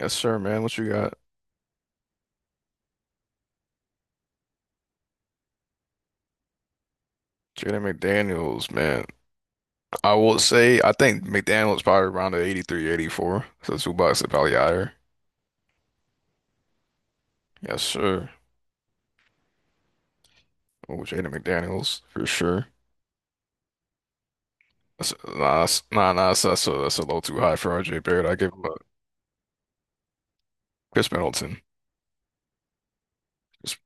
Yes, sir, man. What you got? Jaden McDaniels, man. I will say, I think McDaniels probably around the 83, 84. So Zubac is probably higher. Yes, sir. Oh, Jaden McDaniels, for sure. That's- nah, nah, that's a little too high for RJ Barrett. I give him a Chris Middleton. Just-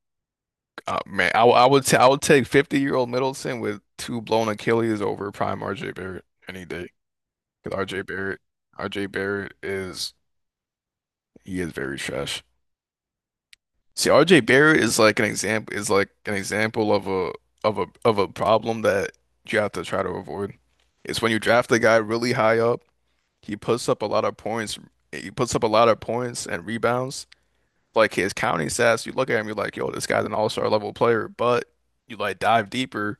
man, I, w- I would ta- I would take 50-year-old Middleton with two blown Achilles over prime RJ Barrett any day. Because RJ Barrett, RJ Barrett is, He is very trash. See, RJ Barrett is like an example is like an example of a of a of a problem that you have to try to avoid. It's when you draft a guy really high up, he puts up a lot of points, he puts up a lot of points and rebounds. Like his counting stats, you look at him, you're like, yo, this guy's an all-star level player. But you like dive deeper,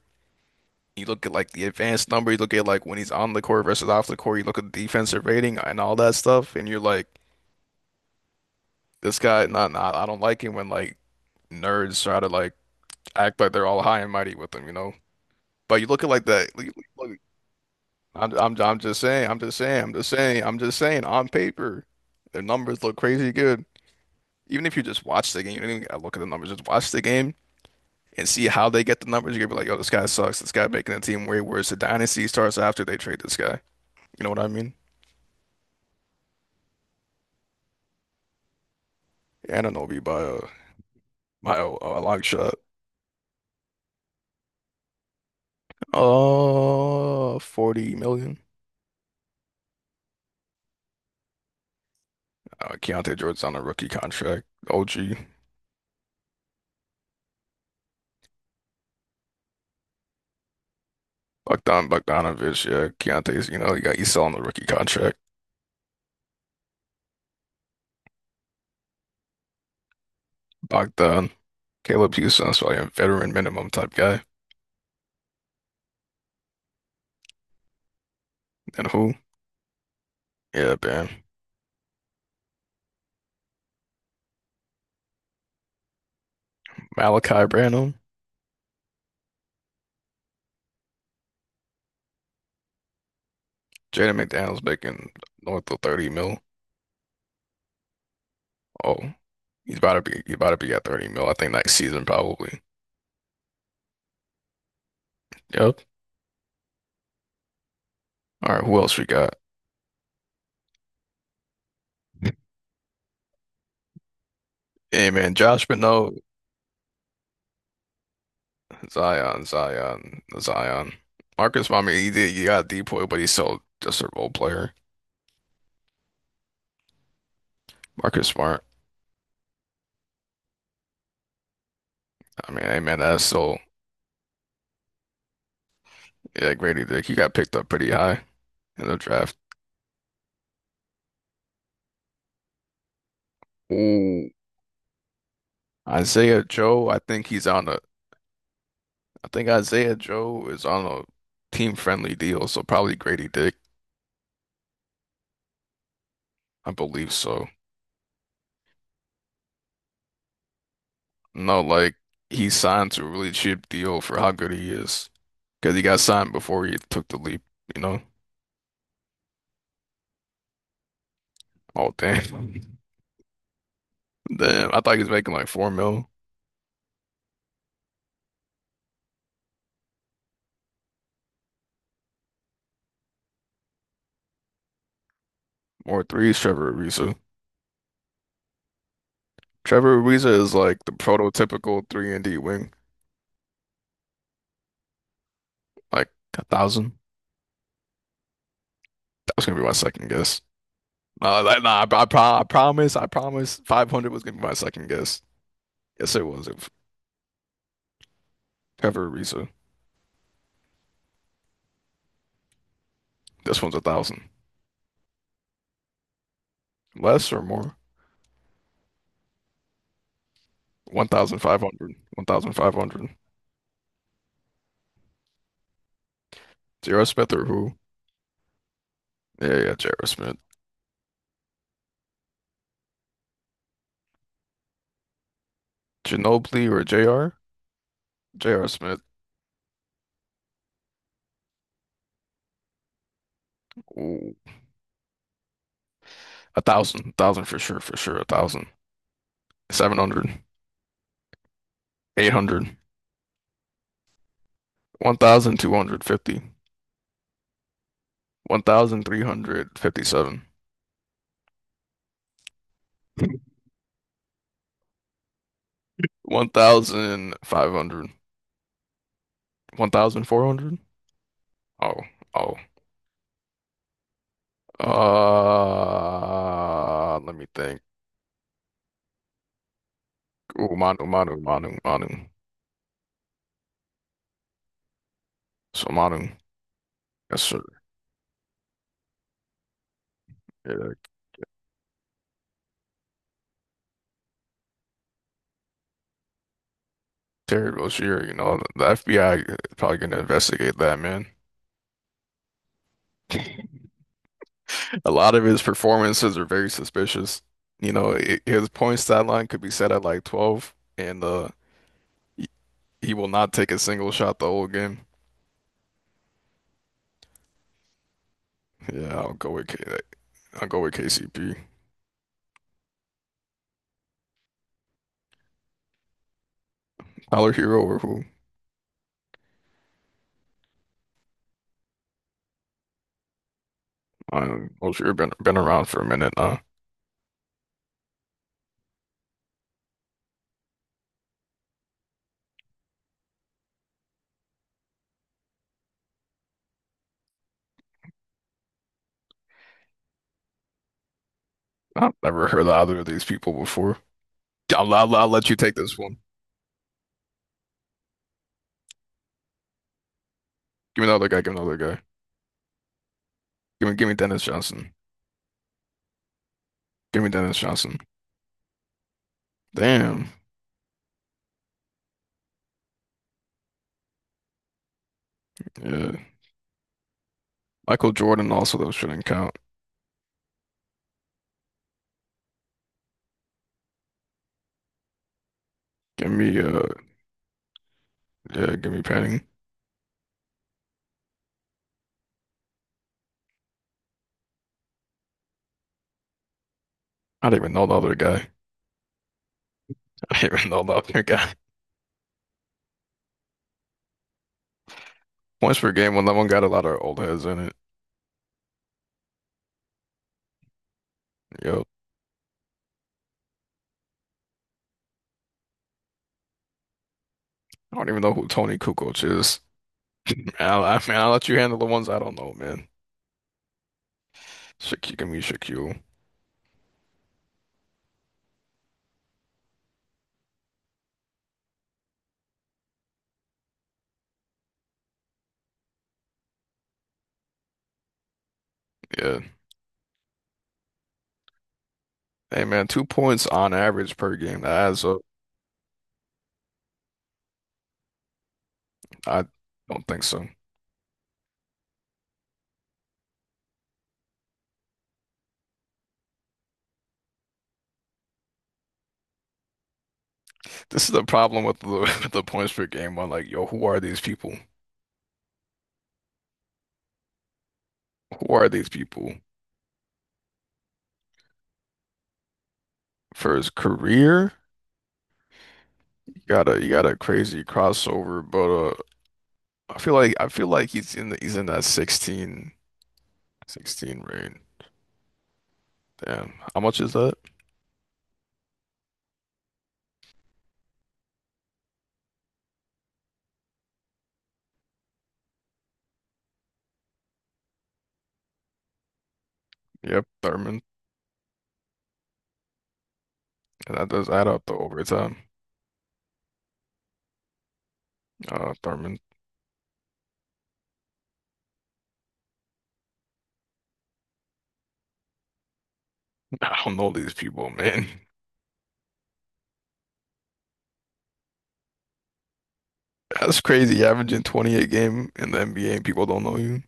you look at like the advanced number, you look at like when he's on the court versus off the court, you look at the defensive rating and all that stuff, and you're like, this guy, not nah, nah, I don't like him when like nerds try to like act like they're all high and mighty with them. But you look at like that. Look, look, I'm just saying. I'm just saying. I'm just saying. I'm just saying. On paper, their numbers look crazy good. Even if you just watch the game, you don't even gotta look at the numbers. Just watch the game and see how they get the numbers. You're gonna be like, "Yo, this guy sucks. This guy making the team way worse." The dynasty starts after they trade this guy. You know what I mean? Anunoby by a long shot. 40 million. Keontae George's on a rookie contract. OG. Bogdan Bogdanovic, yeah, Keontae's, you know, you got Isel on the rookie contract. Bogdan, Caleb Houston's probably a veteran minimum type guy. And who? Yeah, man. Malachi Branham, Jaden McDaniels making north of 30 mil. Oh, he's about to be at 30 mil, I think next season probably. Yep. All right, who else we got? Hey man, Josh Minot, Zion, Zion, Zion. Marcus, I mean, he did, he got a depoy, but he's still just a role player. Marcus Smart. I mean, hey man, that's so. Yeah, Grady Dick, he got picked up pretty high in the draft. Ooh, Isaiah Joe, I think he's on a, I think Isaiah Joe is on a team-friendly deal, so probably Grady Dick. I believe so. No, like he signed to a really cheap deal for how good he is, because he got signed before he took the leap. You know? Oh damn, damn! I thought he was making like four mil or threes. Trevor Ariza. Trevor Ariza is like the prototypical three and D wing, like 1,000. That was gonna be my second guess. No, that, nah, I, pro I promise, I promise. 500 was gonna be my second guess. Yes, it was. It was Trevor Ariza. This one's 1,000. Less or more? 1,500. 1,500. J.R. Smith or who? Yeah, yeah, J.R. Smith. Ginobili or J.R.? J.R. Smith. Ooh. 1,000. 1,000 for sure, for sure. 1,000. 700. 800. 1,250. 1,357. 1,500. 1,400? Oh, oh. Let me think. Ooh, Manu, Manu, Manu, Manu. So Manu, yes sir. Yeah, Terry Rozier, you know, the FBI is probably gonna investigate that man. A lot of his performances are very suspicious. You know, I his point stat line could be set at like 12, and uh, he, he will not take a single shot the whole game. Yeah, I'll go with K. I'll go with KCP. Tyler Hero or who? I don't know. Rozier been around for a minute now. I've never heard of either of these people before. I'll let you take this one. Give me another guy. Give me another guy. Give me Dennis Johnson. Give me Dennis Johnson. Damn. Yeah. Michael Jordan also though shouldn't count. Give me Yeah, give me Penning. I don't even know the other guy. I don't even know the other guy. Points per game when that one got a lot of old heads in it. Yo. I don't even know who Tony Kukoc is. I'll let you handle the ones I don't know, man. Shaq. Give me Shaquille. Yeah. Hey man, 2 points on average per game. That adds up. I don't think so. This is the problem with the with the points per game one. Like, yo, who are these people? Who are these people? For his career, you got a crazy crossover, but I feel like he's in the he's in that sixteen range. Damn, how much is that? Yep, Thurman. That does add up to overtime. Thurman. I don't know these people, man. That's crazy. Averaging 28 game in the NBA and people don't know you.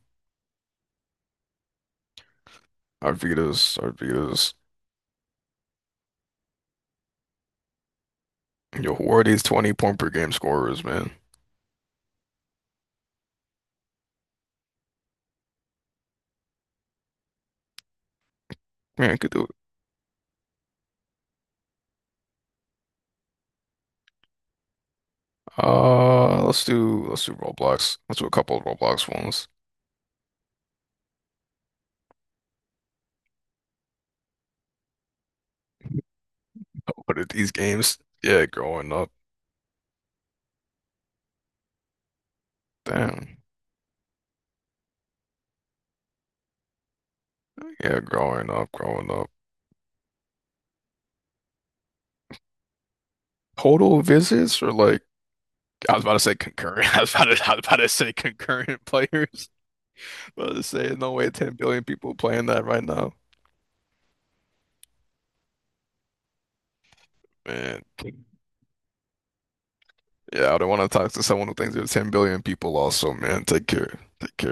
Arvidas, Arvidas. Yo, who are these 20 point per game scorers, man? Yeah, I could do it. Let's do Roblox. Let's do a couple of Roblox ones. What are these games? Yeah, growing up. Damn. Yeah, growing up, growing up. Total visits or like I was about to say concurrent. I was about to say concurrent players. I was about to say no way 10 billion people playing that right now. Man. Yeah, I don't want to talk to someone who thinks there's 10 billion people also, man. Take care. Take care.